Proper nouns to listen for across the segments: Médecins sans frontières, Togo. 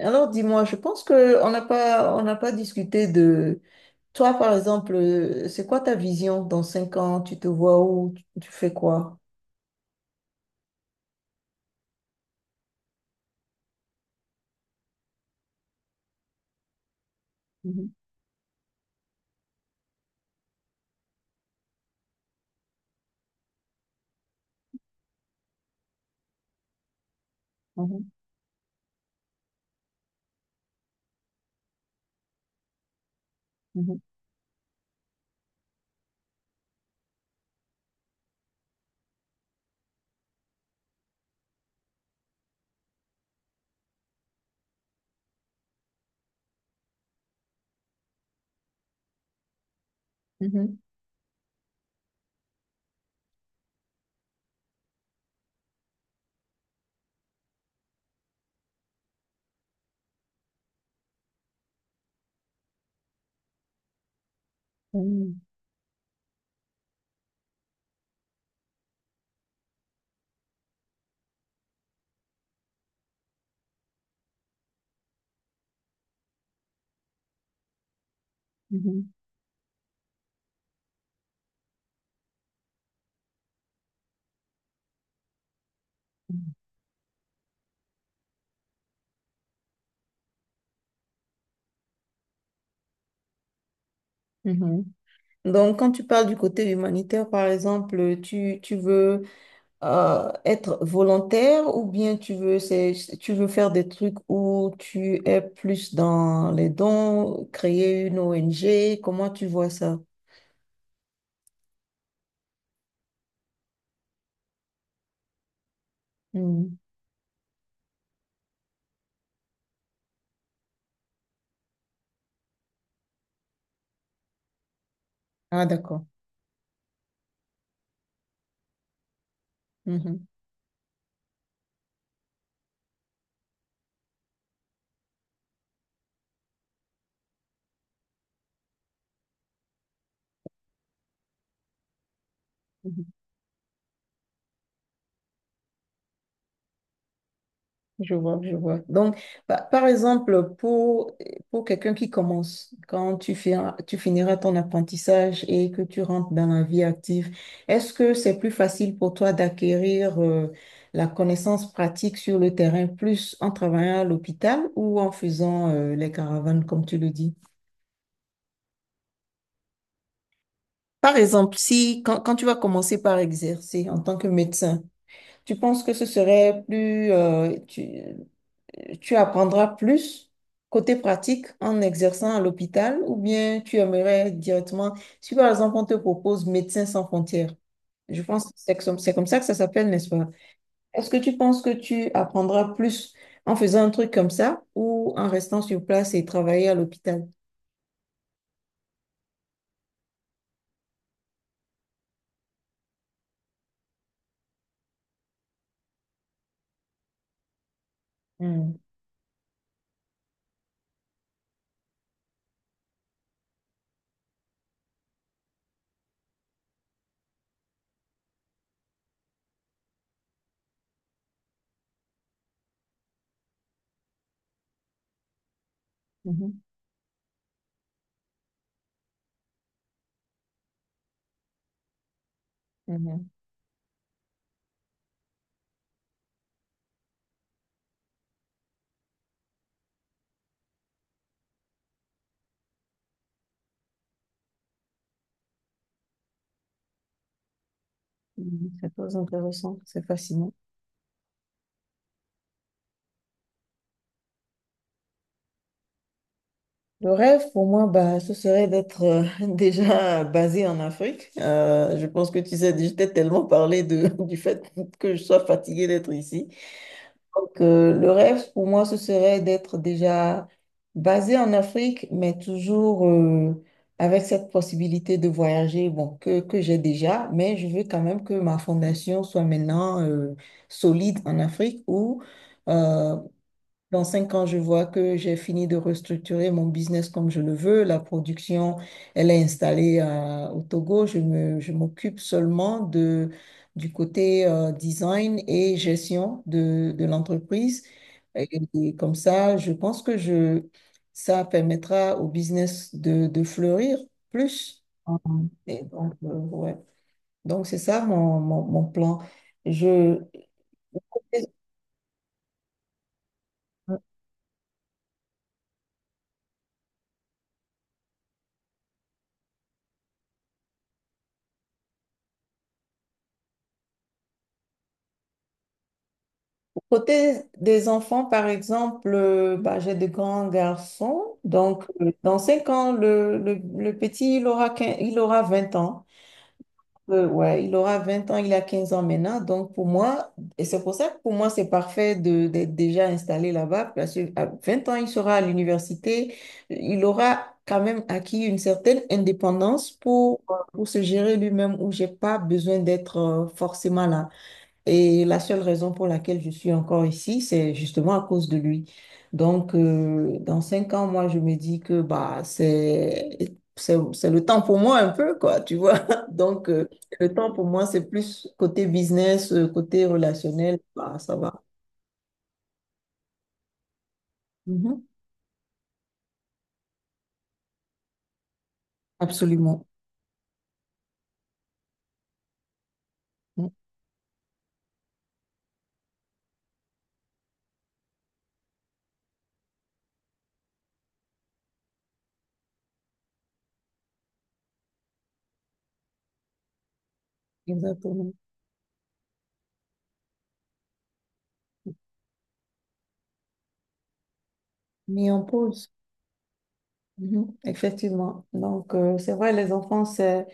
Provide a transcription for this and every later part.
Alors, dis-moi, je pense que on n'a pas discuté de toi, par exemple, c'est quoi ta vision dans 5 ans? Tu te vois où? Tu fais quoi? Mhm. Mhm. Mhm. Mhm. Mhm. Mhm. Mhm. Donc, quand tu parles du côté humanitaire, par exemple, tu veux être volontaire ou bien tu veux faire des trucs où tu es plus dans les dons, créer une ONG, comment tu vois ça? Mhm. Ah, d'accord. Mhm. Mhm. Je vois, je vois. Donc, par exemple, pour quelqu'un qui commence, quand tu finiras ton apprentissage et que tu rentres dans la vie active, est-ce que c'est plus facile pour toi d'acquérir la connaissance pratique sur le terrain, plus en travaillant à l'hôpital ou en faisant les caravanes, comme tu le dis? Par exemple, si quand, quand tu vas commencer par exercer en tant que médecin, tu penses que ce serait plus, tu apprendras plus côté pratique en exerçant à l'hôpital ou bien tu aimerais directement, si par exemple on te propose Médecins sans frontières, je pense que c'est comme ça que ça s'appelle, n'est-ce pas? Est-ce que tu penses que tu apprendras plus en faisant un truc comme ça ou en restant sur place et travailler à l'hôpital? Hmm. Mhm. Mhm. Mhm. C'est très intéressant, c'est fascinant. Le rêve pour moi, bah, ce serait d'être déjà basé en Afrique. Je pense que tu sais, je t'ai tellement parlé du fait que je sois fatiguée d'être ici. Donc, le rêve pour moi, ce serait d'être déjà basé en Afrique, mais toujours avec cette possibilité de voyager, bon, que j'ai déjà, mais je veux quand même que ma fondation soit maintenant solide en Afrique où, euh, dans 5 ans, je vois que j'ai fini de restructurer mon business comme je le veux. La production, elle est installée au Togo. Je m'occupe seulement du côté design et gestion de l'entreprise. Et, et comme ça, je pense que ça permettra au business de fleurir plus. Et donc, ouais. Donc, c'est ça mon plan. Je, Côté des enfants, par exemple, bah, j'ai de grands garçons. Donc, dans 5 ans, le petit, il aura 20 ans. Ouais, il aura 20 ans, il a 15 ans maintenant. Donc, et c'est pour ça que pour moi, c'est parfait d'être déjà installé là-bas, parce qu'à 20 ans, il sera à l'université. Il aura quand même acquis une certaine indépendance pour se gérer lui-même, où j'ai pas besoin d'être forcément là. Et la seule raison pour laquelle je suis encore ici, c'est justement à cause de lui. Donc, dans 5 ans, moi, je me dis que bah, c'est le temps pour moi un peu, quoi, tu vois. Donc, le temps pour moi, c'est plus côté business, côté relationnel, bah, ça va. Mhm. Absolument. Mhm. Exactement. Mis en pause. Mhm. Effectivement. Donc, c'est vrai, les enfants, c'est.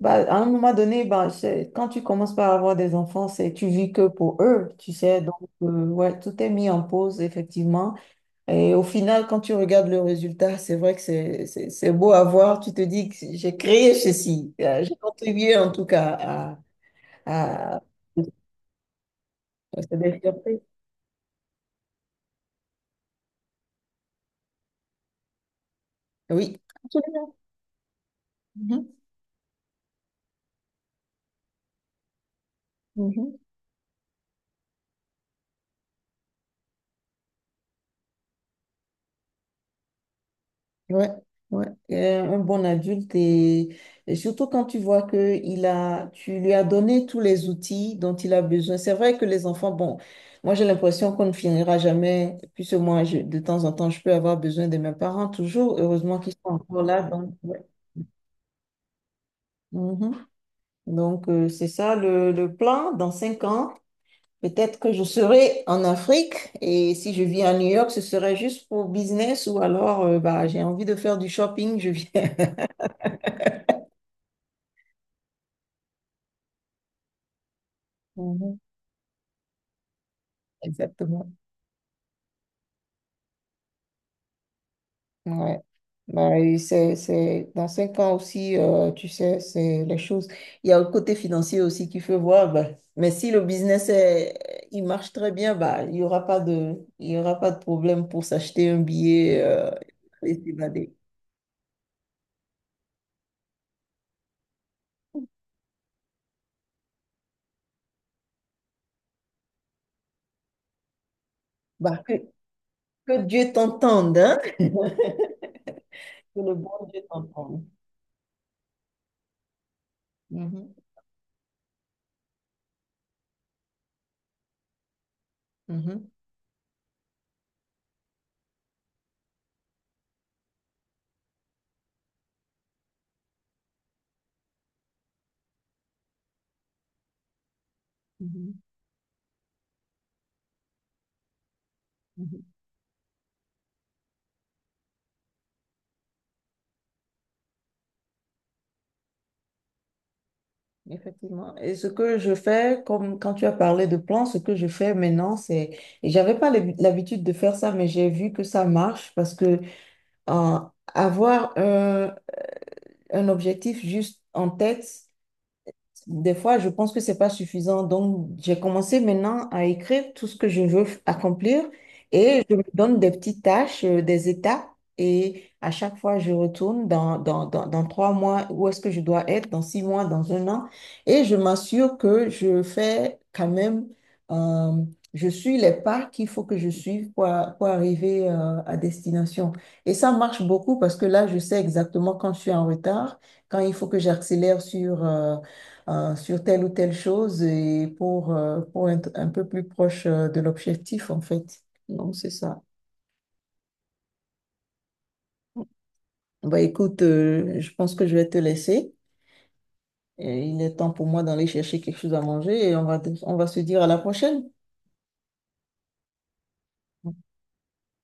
Bah, à un moment donné, bah, quand tu commences par avoir des enfants, c'est tu vis que pour eux, tu sais. Donc, ouais, tout est mis en pause, effectivement. Et au final, quand tu regardes le résultat, c'est vrai que c'est beau à voir. Tu te dis que j'ai créé ceci. J'ai contribué, en tout cas, à cette développer. Oui. Absolument. Mhm. Mhm. Ouais, ouais. Un bon adulte et surtout quand tu vois que tu lui as donné tous les outils dont il a besoin. C'est vrai que les enfants, bon, moi j'ai l'impression qu'on ne finira jamais, puisque moi de temps en temps je peux avoir besoin de mes parents toujours. Heureusement qu'ils sont encore là. Donc, ouais. Mhm. Donc c'est ça le plan. Dans 5 ans, peut-être que je serai en Afrique et si je vis à New York, ce serait juste pour business ou alors bah, j'ai envie de faire du shopping, je viens. Exactement. Ouais. Bah, et dans 5 ans aussi, tu sais, c'est les choses. Il y a le côté financier aussi qu'il faut voir. Bah. Mais si le business il marche très bien, bah, il y aura pas de, il y aura pas de problème pour s'acheter un billet et s'évader. Bah, que Dieu t'entende, hein? Que le bon Dieu t'entende. Mhm, mhm, mhm, mhm. Effectivement. Et ce que je fais, comme quand tu as parlé de plans, ce que je fais maintenant, et j'avais pas l'habitude de faire ça, mais j'ai vu que ça marche parce que euh, avoir un objectif juste en tête, des fois, je pense que c'est pas suffisant. Donc, j'ai commencé maintenant à écrire tout ce que je veux accomplir et je me donne des petites tâches, des étapes. Et à chaque fois, je retourne dans 3 mois, où est-ce que je dois être, dans 6 mois, dans un an. Et je m'assure que je fais quand même, euh, je suis les pas qu'il faut que je suive pour arriver, à destination. Et ça marche beaucoup parce que là, je sais exactement quand je suis en retard, quand il faut que j'accélère sur telle ou telle chose et pour être un peu plus proche de l'objectif, en fait. Donc, c'est ça. Bah, écoute, je pense que je vais te laisser. Et il est temps pour moi d'aller chercher quelque chose à manger et on va, se dire à la prochaine.